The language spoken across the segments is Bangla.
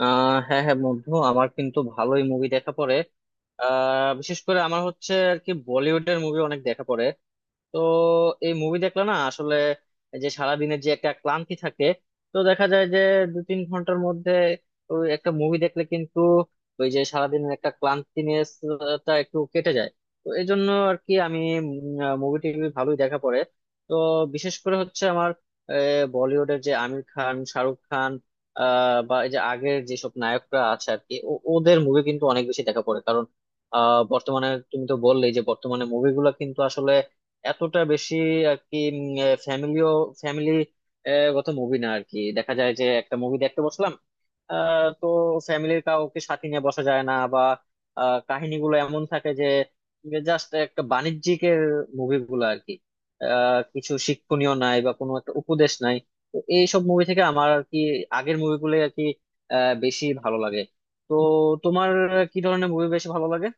হ্যাঁ, হ্যাঁ বন্ধু, আমার কিন্তু ভালোই মুভি দেখা পড়ে। বিশেষ করে আমার হচ্ছে আর কি বলিউডের মুভি অনেক দেখা পড়ে। তো এই মুভি দেখলে না, আসলে এই যে সারাদিনের যে একটা ক্লান্তি থাকে, তো দেখা যায় যে দু তিন ঘন্টার মধ্যে ওই একটা মুভি দেখলে কিন্তু ওই যে সারাদিনের একটা ক্লান্তিনেস টা একটু কেটে যায়। তো এই জন্য আর কি আমি মুভি টিভি ভালোই দেখা পড়ে। তো বিশেষ করে হচ্ছে আমার, বলিউডের যে আমির খান, শাহরুখ খান, বা এই যে আগের যেসব নায়করা আছে আর কি ওদের মুভি কিন্তু অনেক বেশি দেখা পড়ে। কারণ বর্তমানে তুমি তো বললেই যে বর্তমানে মুভিগুলো কিন্তু এতটা বেশি আর কি, ফ্যামিলিও, ফ্যামিলি গত মুভি না আর কি, দেখা যায় যে একটা মুভি দেখতে বসলাম, তো ফ্যামিলির কাউকে সাথে নিয়ে বসা যায় না, বা কাহিনীগুলো এমন থাকে যে জাস্ট একটা বাণিজ্যিকের মুভিগুলো আর কি, কিছু শিক্ষণীয় নাই বা কোনো একটা উপদেশ নাই। তো এইসব মুভি থেকে আমার আর কি আগের মুভিগুলো আর কি বেশি ভালো লাগে। তো তোমার কি ধরনের মুভি বেশি ভালো লাগে?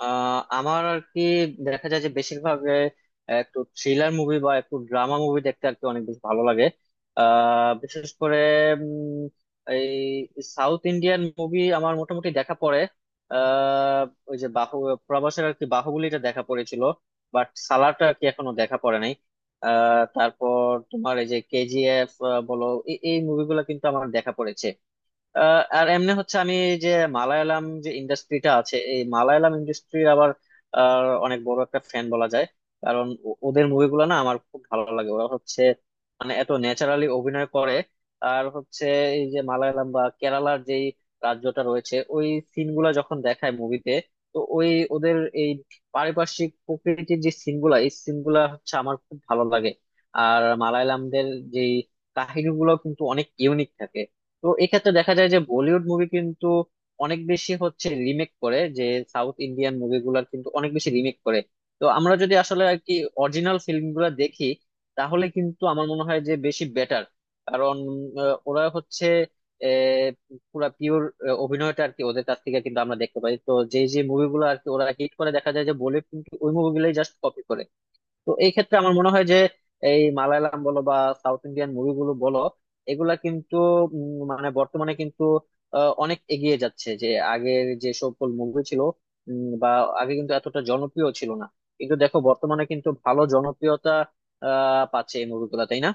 আমার আর কি দেখা যায় যে বেশিরভাগ একটু থ্রিলার মুভি বা একটু ড্রামা মুভি দেখতে আর কি অনেক বেশি ভালো লাগে। বিশেষ করে উম, এই সাউথ ইন্ডিয়ান মুভি আমার মোটামুটি দেখা পড়ে। আহ ওই যে বাহু, প্রবাসের আর কি বাহুবলীটা দেখা পড়েছিল, বাট সালারটা আর কি এখনো দেখা পড়ে নাই। তারপর তোমার এই যে কেজিএফ বলো, এই মুভিগুলো কিন্তু আমার দেখা পড়েছে। আর এমনি হচ্ছে আমি যে মালায়ালাম যে ইন্ডাস্ট্রিটা আছে, এই মালায়ালাম ইন্ডাস্ট্রির আবার অনেক বড় একটা ফ্যান বলা যায়। কারণ ওদের মুভিগুলো না আমার খুব ভালো লাগে। ওরা হচ্ছে মানে এত ন্যাচারালি অভিনয় করে। আর হচ্ছে এই যে মালায়ালাম বা কেরালার যেই রাজ্যটা রয়েছে, ওই সিনগুলা যখন দেখায় মুভিতে, তো ওই ওদের এই পারিপার্শ্বিক প্রকৃতির যে সিনগুলা, এই সিনগুলা হচ্ছে আমার খুব ভালো লাগে। আর মালায়ালামদের যেই কাহিনীগুলো কিন্তু অনেক ইউনিক থাকে। তো এক্ষেত্রে দেখা যায় যে বলিউড মুভি কিন্তু অনেক বেশি হচ্ছে রিমেক করে, যে সাউথ ইন্ডিয়ান মুভিগুলোর কিন্তু অনেক বেশি রিমেক করে। তো আমরা যদি আসলে আর কি অরিজিনাল ফিল্মগুলো দেখি, তাহলে কিন্তু আমার মনে হয় যে বেশি বেটার। কারণ ওরা হচ্ছে আহ, পুরা পিওর অভিনয়টা আর কি ওদের কাছ থেকে কিন্তু আমরা দেখতে পাই। তো যে যে মুভিগুলো আর কি ওরা হিট করে, দেখা যায় যে বলিউড কিন্তু ওই মুভিগুলোই জাস্ট কপি করে। তো এই ক্ষেত্রে আমার মনে হয় যে এই মালায়ালাম বলো বা সাউথ ইন্ডিয়ান মুভিগুলো বলো, এগুলা কিন্তু মানে বর্তমানে কিন্তু অনেক এগিয়ে যাচ্ছে। যে আগের যে সকল মুভি ছিল, বা আগে কিন্তু এতটা জনপ্রিয় ছিল না, কিন্তু দেখো বর্তমানে কিন্তু ভালো জনপ্রিয়তা পাচ্ছে এই মুভিগুলা, তাই না?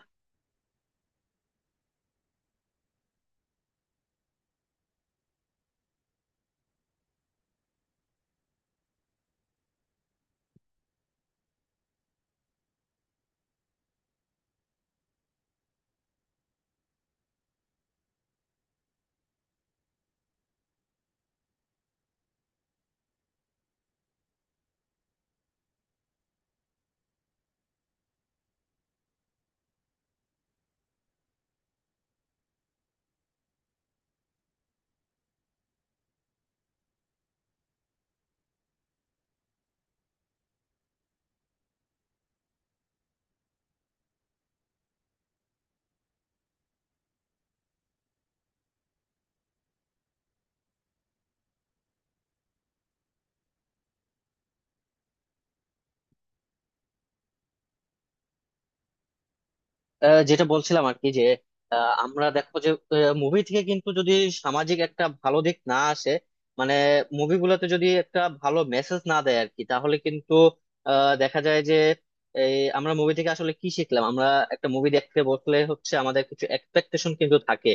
যেটা বলছিলাম আর কি, যে আমরা দেখো যে মুভি থেকে কিন্তু যদি সামাজিক একটা ভালো দিক না আসে, মানে মুভিগুলোতে যদি একটা ভালো মেসেজ না দেয় আর কি, তাহলে কিন্তু দেখা যায় যে এই আমরা মুভি থেকে আসলে কি শিখলাম আমরা। একটা মুভি দেখতে বসলে হচ্ছে আমাদের কিছু এক্সপেকটেশন কিন্তু থাকে।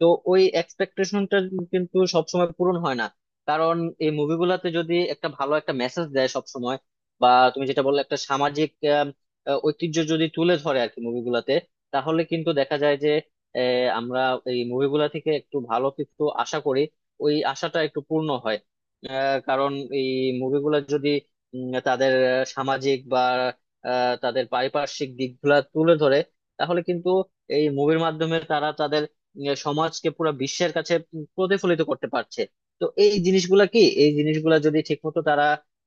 তো ওই এক্সপেকটেশনটা কিন্তু সবসময় পূরণ হয় না। কারণ এই মুভিগুলাতে যদি একটা ভালো একটা মেসেজ দেয় সবসময়, বা তুমি যেটা বললে একটা সামাজিক আম, ঐতিহ্য যদি তুলে ধরে আর কি মুভিগুলাতে, তাহলে কিন্তু দেখা যায় যে আহ, আমরা এই মুভিগুলা থেকে একটু ভালো কিছু আশা করি, ওই আশাটা একটু পূর্ণ হয়। কারণ এই মুভিগুলা যদি তাদের সামাজিক বা তাদের পারিপার্শ্বিক দিকগুলা তুলে ধরে, তাহলে কিন্তু এই মুভির মাধ্যমে তারা তাদের সমাজকে পুরো বিশ্বের কাছে প্রতিফলিত করতে পারছে। তো এই জিনিসগুলা কি, এই জিনিসগুলা যদি ঠিকমতো তারা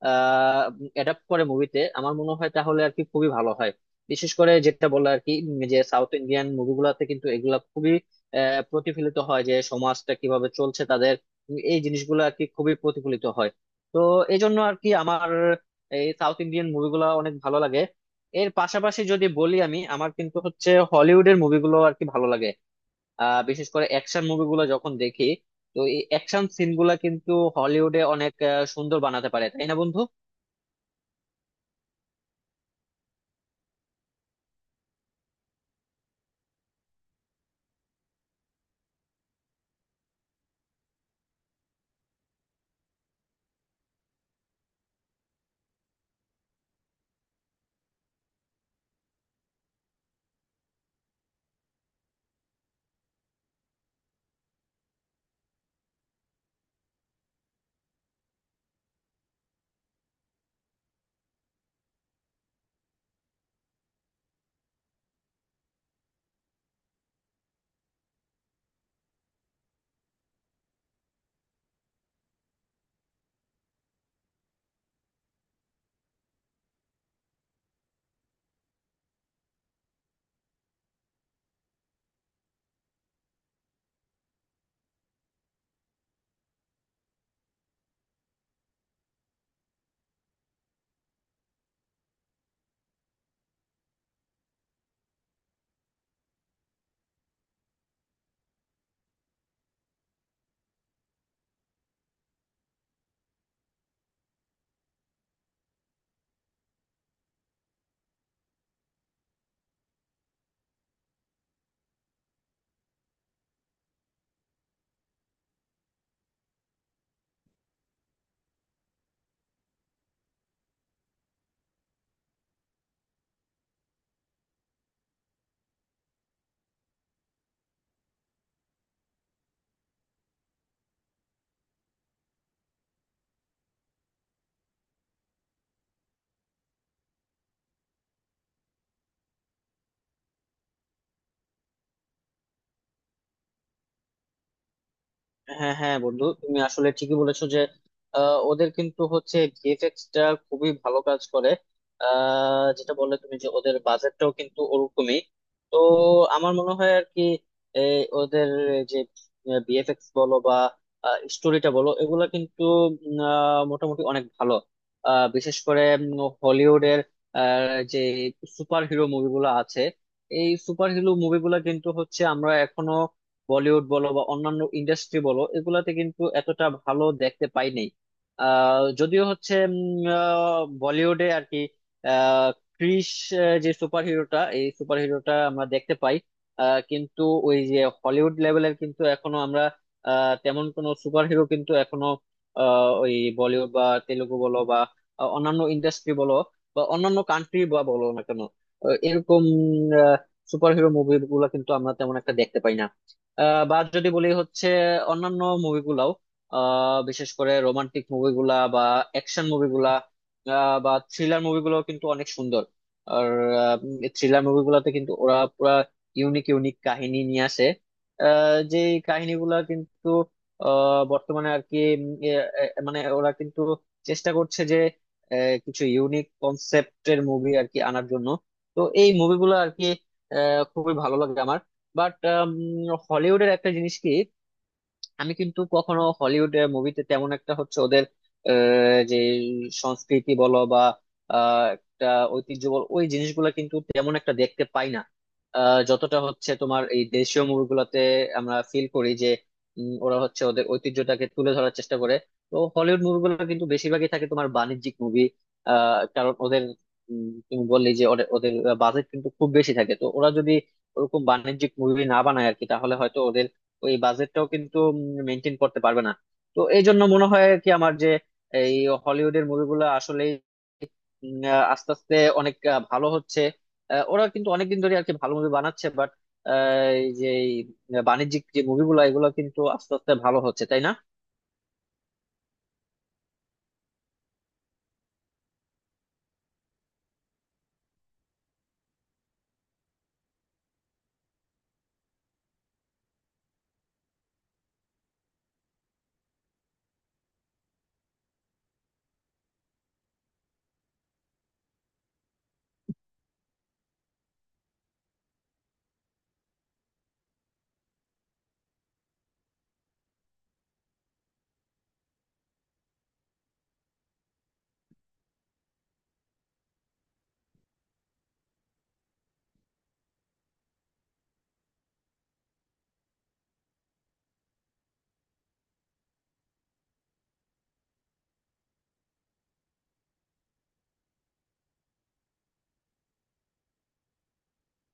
আহ অ্যাডাপ্ট করে মুভিতে, আমার মনে হয় তাহলে আর কি খুবই ভালো হয়। বিশেষ করে যেটা বললো আর কি যে সাউথ ইন্ডিয়ান মুভিগুলাতে কিন্তু এগুলা খুবই প্রতিফলিত হয়, যে সমাজটা কিভাবে চলছে তাদের, এই জিনিসগুলো আর কি খুবই প্রতিফলিত হয়। তো এই জন্য আর কি আমার এই সাউথ ইন্ডিয়ান মুভিগুলো অনেক ভালো লাগে। এর পাশাপাশি যদি বলি, আমি আমার কিন্তু হচ্ছে হলিউডের মুভিগুলো আর কি ভালো লাগে। বিশেষ করে অ্যাকশন মুভিগুলো যখন দেখি, তো এই অ্যাকশন সিনগুলা কিন্তু হলিউডে অনেক সুন্দর বানাতে পারে, তাই না বন্ধু? হ্যাঁ, হ্যাঁ বন্ধু, তুমি আসলে ঠিকই বলেছো যে ওদের কিন্তু হচ্ছে ভিএফএক্স টা খুবই ভালো কাজ করে। যেটা বললে তুমি যে ওদের বাজেটটাও কিন্তু ওরকমই। তো আমার মনে হয় আর কি এই ওদের যে ভিএফএক্স বলো বা স্টোরিটা বলো, এগুলা কিন্তু মোটামুটি অনেক ভালো। বিশেষ করে হলিউডের যে সুপার হিরো মুভিগুলো আছে, এই সুপার হিরো মুভিগুলো কিন্তু হচ্ছে আমরা এখনো বলিউড বলো বা অন্যান্য ইন্ডাস্ট্রি বলো, এগুলাতে কিন্তু এতটা ভালো দেখতে পাই নাই। যদিও হচ্ছে বলিউডে আর কি আহ, ক্রিস, যে সুপার হিরোটা, এই সুপার হিরোটা আমরা দেখতে পাই। কিন্তু ওই যে হলিউড লেভেলের কিন্তু এখনো আমরা তেমন কোনো সুপার হিরো কিন্তু এখনো ওই বলিউড বা তেলুগু বলো বা অন্যান্য ইন্ডাস্ট্রি বলো, বা অন্যান্য কান্ট্রি বা বলো না কেন, এরকম সুপার হিরো মুভি গুলা কিন্তু আমরা তেমন একটা দেখতে পাই না। বা যদি বলি হচ্ছে অন্যান্য মুভিগুলাও, বিশেষ করে রোমান্টিক মুভিগুলা বা অ্যাকশন মুভিগুলা বা থ্রিলার মুভিগুলো কিন্তু অনেক সুন্দর। আর থ্রিলার মুভিগুলোতে কিন্তু ওরা পুরা ইউনিক ইউনিক কাহিনী নিয়ে আসে। যে কাহিনীগুলা কিন্তু বর্তমানে আর কি মানে ওরা কিন্তু চেষ্টা করছে যে কিছু ইউনিক কনসেপ্টের মুভি আর কি আনার জন্য। তো এই মুভিগুলো আর কি খুবই ভালো লাগে আমার। বাট হলিউডের একটা জিনিস কি, আমি কিন্তু কখনো হলিউড মুভিতে তেমন একটা হচ্ছে ওদের যে সংস্কৃতি বলো বা একটা ঐতিহ্য বলো, ওই জিনিসগুলো কিন্তু তেমন একটা দেখতে পাই না। যতটা হচ্ছে তোমার এই দেশীয় মুভিগুলোতে আমরা ফিল করি যে ওরা হচ্ছে ওদের ঐতিহ্যটাকে তুলে ধরার চেষ্টা করে। তো হলিউড মুভিগুলো কিন্তু বেশিরভাগই থাকে তোমার বাণিজ্যিক মুভি। কারণ ওদের, তুমি বললি যে ওদের ওদের বাজেট কিন্তু খুব বেশি থাকে, তো ওরা যদি ওরকম বাণিজ্যিক মুভি না বানায় আর কি, তাহলে হয়তো ওদের ওই বাজেটটাও কিন্তু মেনটেন করতে পারবে না। তো এই জন্য মনে হয় কি আমার, যে এই হলিউডের মুভিগুলো আসলে আস্তে আস্তে অনেক ভালো হচ্ছে। ওরা কিন্তু অনেকদিন ধরে আর কি ভালো মুভি বানাচ্ছে, বাট যে এই বাণিজ্যিক যে মুভিগুলো, এগুলো কিন্তু আস্তে আস্তে ভালো হচ্ছে, তাই না?